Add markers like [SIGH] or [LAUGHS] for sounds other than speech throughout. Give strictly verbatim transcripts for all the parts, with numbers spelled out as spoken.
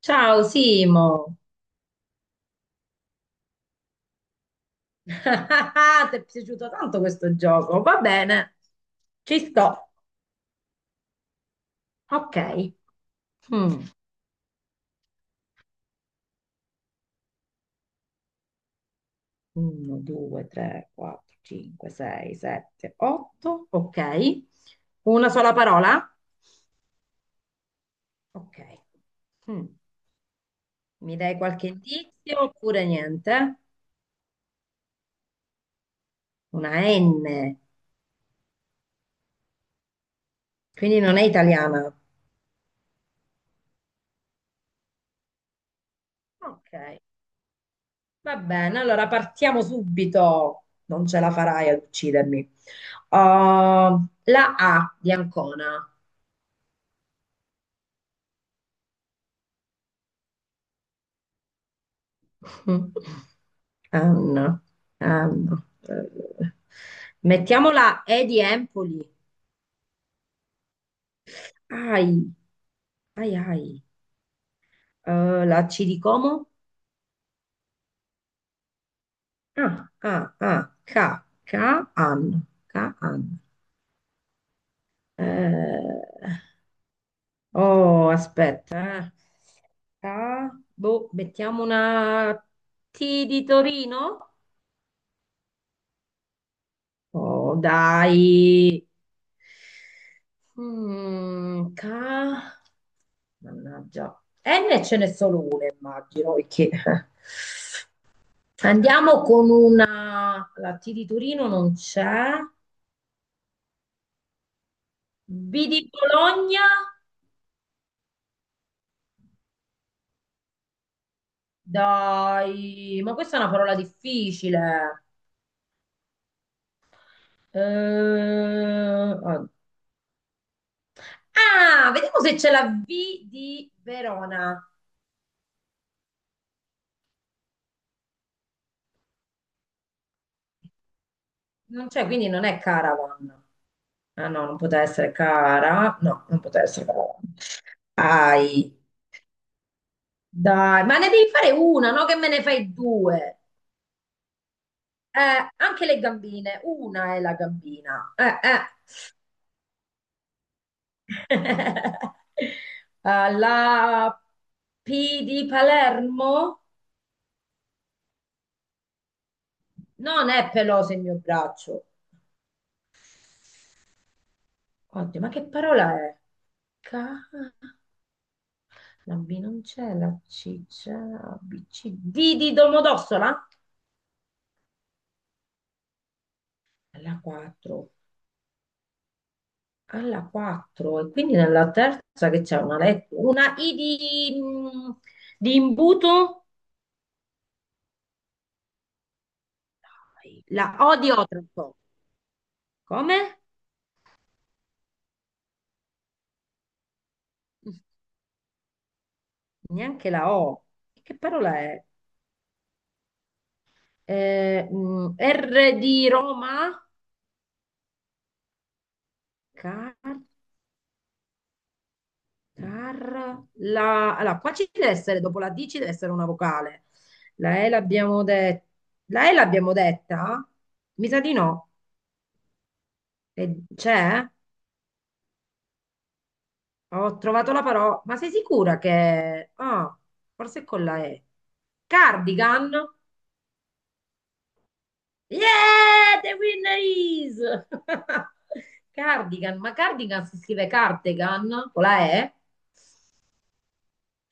Ciao Simo, [LAUGHS] ti è piaciuto tanto questo gioco? Va bene, ci sto. Ok. Mm. uno, due, tre, quattro, cinque, sei, sette, otto. Ok. Una sola parola? Ok. Mm. Mi dai qualche indizio oppure niente? Una N, quindi non è italiana. Ok. Va bene, allora partiamo subito. Non ce la farai ad uccidermi. Uh, la A di Ancona. Anna, Anna. eh, Mettiamo la E di Empoli. Ai, ai, ai. Eh, la C di Como. Ah, ah, ah. K, K, Anna. K, Anna. Oh, aspetta, eh. Ah, boh, mettiamo una T di Torino? Oh, dai. Mm, ca- Mannaggia. N ce n'è solo una, immagino, perché... Andiamo con una... La T di Torino non c'è. B di Bologna? Dai, ma questa è una parola difficile. Eh, Ah, vediamo se c'è la V di Verona. Non c'è, quindi non è Caravan. Ah no, non poteva essere Cara. No, non poteva essere Caravan. Ai, dai, ma ne devi fare una, no? Che me ne fai due. Eh, anche le gambine. Una è la gambina. Eh, eh. [LAUGHS] Ah, la P di Palermo? Non è peloso il mio braccio. Oddio, ma che parola è? Ca... La B non c'è, la C c'è, la B, C, D di Domodossola? Alla quattro, alla quattro. E quindi nella terza che c'è una lettera, una I di, mm, di imbuto, la O di Otranto. Come? Neanche la O. Che parola è? Eh, mm, R di Roma? Car Car, la, allora, qua ci deve essere, dopo la D ci deve essere una vocale. La E l'abbiamo detta. La E l'abbiamo detta? Mi sa di no. E c'è? Ho trovato la parola. Ma sei sicura che... Ah, forse è con la E. Cardigan? Yeah, the winner is! [LAUGHS] Cardigan, ma cardigan si scrive cardigan con la E?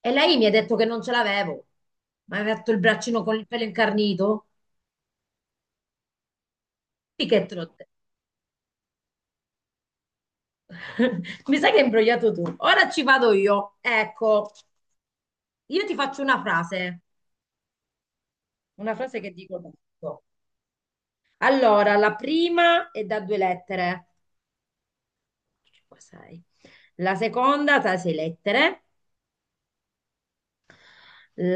E lei mi ha detto che non ce l'avevo. Ma aveva fatto il braccino con il pelo incarnito? Sì che te l'ho [LAUGHS] Mi sa che hai imbrogliato tu. Ora ci vado io. Ecco, io ti faccio una frase, una frase che dico tutto. Allora, la prima è da due lettere, cinque, sei. La seconda da sei lettere,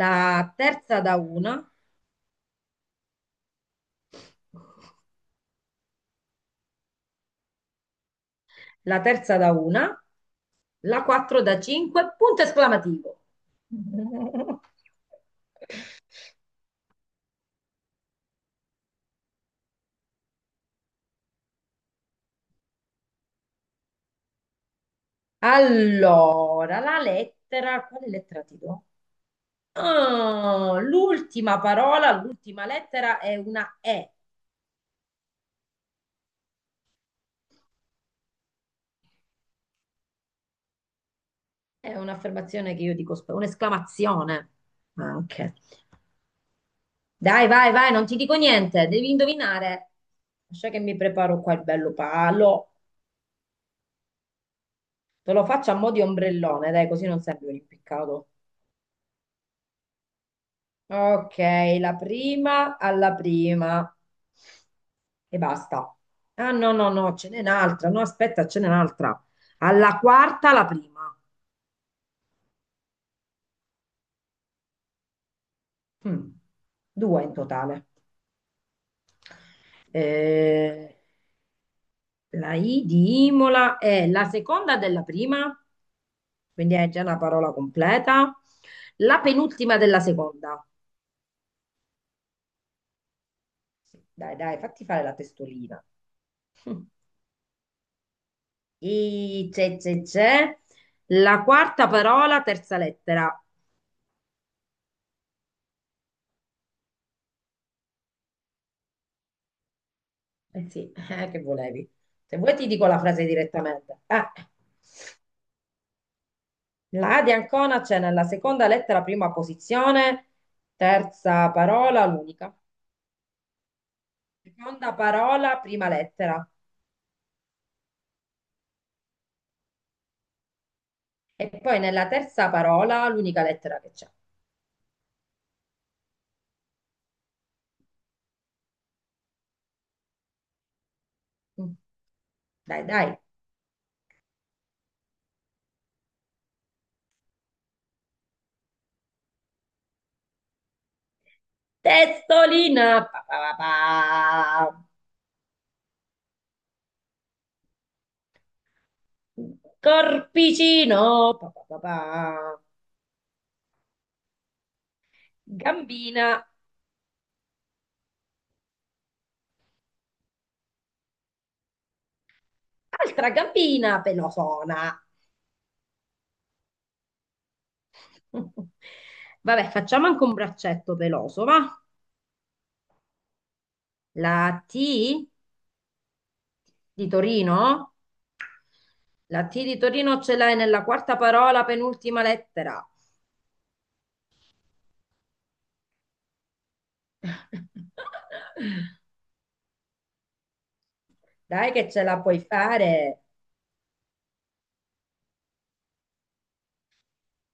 la terza da una, la terza da una, la quattro da cinque, punto esclamativo. [LAUGHS] Allora, la lettera, quale lettera ti do? Oh, l'ultima parola, l'ultima lettera è una E. È un'affermazione che io dico, sp- un'esclamazione anche. Dai, vai, vai, non ti dico niente, devi indovinare. Lascia che mi preparo qua il bello palo. Te lo faccio a mo' di ombrellone, dai, così non serve un impiccato. Ok, la prima alla prima. E basta. Ah, no, no, no, ce n'è un'altra. No, aspetta, ce n'è un'altra. Alla quarta la prima. Mm, due in totale. Eh, la I di Imola è la seconda della prima, quindi è già una parola completa. La penultima della seconda. Dai, dai, fatti fare la testolina. Mm. I c'è, c'è, c'è. La quarta parola, terza lettera. Eh sì, eh, che volevi? Se vuoi ti dico la frase direttamente. Eh, la A di Ancona c'è nella seconda lettera, prima posizione, terza parola, l'unica. Seconda parola, prima lettera. E poi nella terza parola l'unica lettera che c'è. Mm. Dai, dai. Testolina, pa, pa, pa, pa. Corpicino, pa, pa, pa, pa. Gambina, altra gambina pelosona. [LAUGHS] Vabbè, facciamo anche un braccetto peloso, va? La T di Torino? La T di Torino ce l'hai nella quarta parola, penultima lettera. [LAUGHS] Dai che ce la puoi fare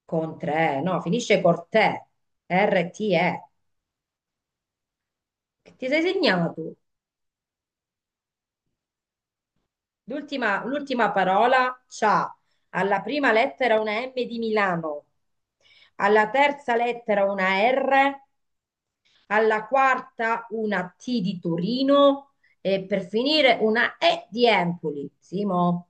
con tre, no, finisce con te, R-T-E. Che ti sei segnato? L'ultima l'ultima parola c'ha alla prima lettera una M di Milano, alla terza lettera una R, alla quarta una T di Torino e per finire una E di Empoli. Simo,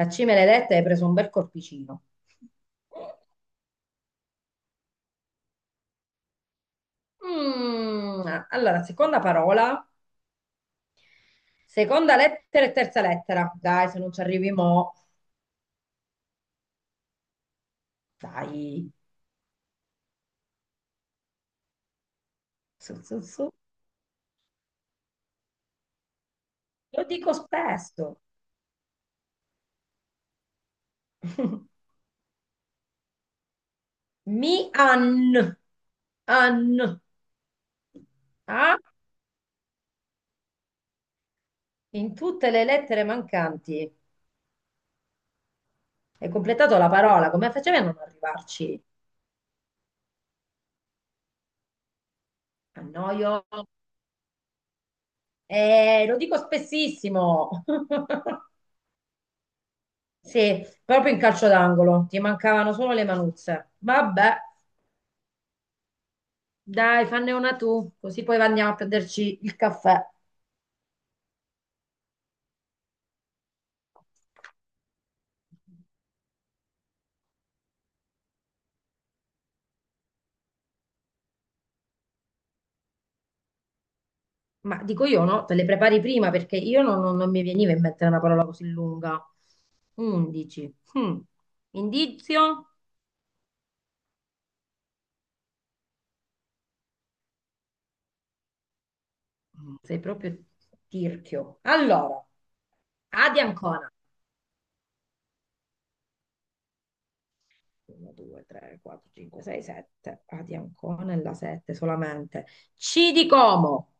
la C me l'hai detta e hai preso un bel corpicino. Mm, allora, seconda parola seconda lettera e terza lettera. Dai, se non ci arrivi mo, dai. Su, su, su. Lo dico spesso. [LAUGHS] Mi an. An. A in tutte le lettere mancanti. Hai completato la parola. Come facevi a non arrivarci? Annoio. Eh, lo dico spessissimo. [LAUGHS] Sì, proprio in calcio d'angolo. Ti mancavano solo le manuzze. Vabbè, dai, fanne una tu, così poi andiamo a prenderci il caffè. Ma dico io no, te le prepari prima perché io non, non- non mi veniva in mente una parola così lunga. undici. Mm. Indizio? Mm, Sei proprio tirchio. Allora, A di Ancona. uno, due, tre, quattro, cinque, sei, sette. A di Ancona e la sette solamente. C di Como.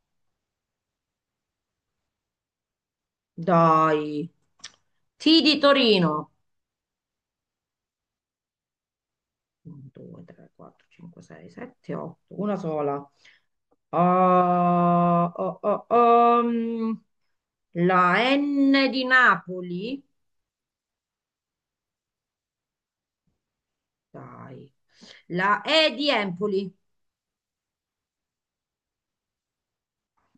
Dai. T di Torino. uno, due, tre, quattro, cinque, sei, sette, otto. Una sola. Oh, oh, oh, oh. Mm. La N di Napoli? Dai. La E di Empoli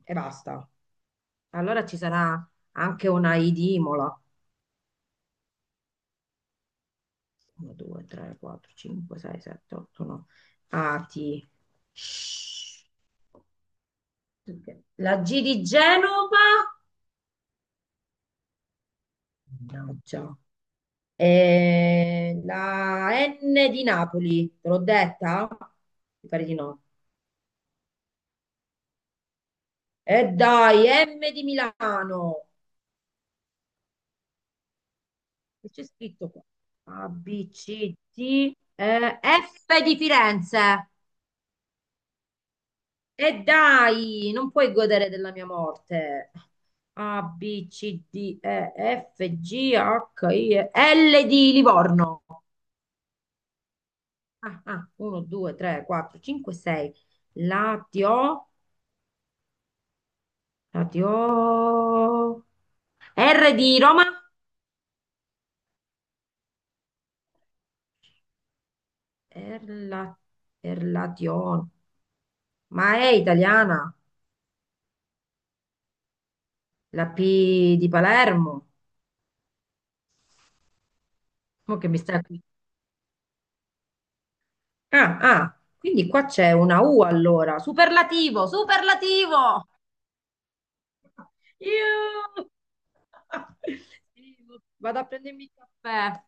e basta. Allora ci sarà anche una I di Imola. uno, due, tre, quattro, cinque, sei, sette, otto, nove. A, T. Shh. La G di Genova? Mannaggia. E la N di Napoli, te l'ho detta? Mi pare di no. E dai, M di Milano. Che c'è scritto qua? A, B, C, D, eh, F di Firenze. E dai, non puoi godere della mia morte. A, B, C, D, E, F, G, H, I, E, L di Livorno. Ah, ah, uno, due, tre, quattro, cinque, sei. Latio, Latio. R di Roma? Erla, Erlation. Ma è italiana? La P di Palermo? Mo che mi stai qui. Ah, ah, quindi qua c'è una U allora. Superlativo, superlativo! Iuh! [LAUGHS] Sì, vado a prendermi il caffè.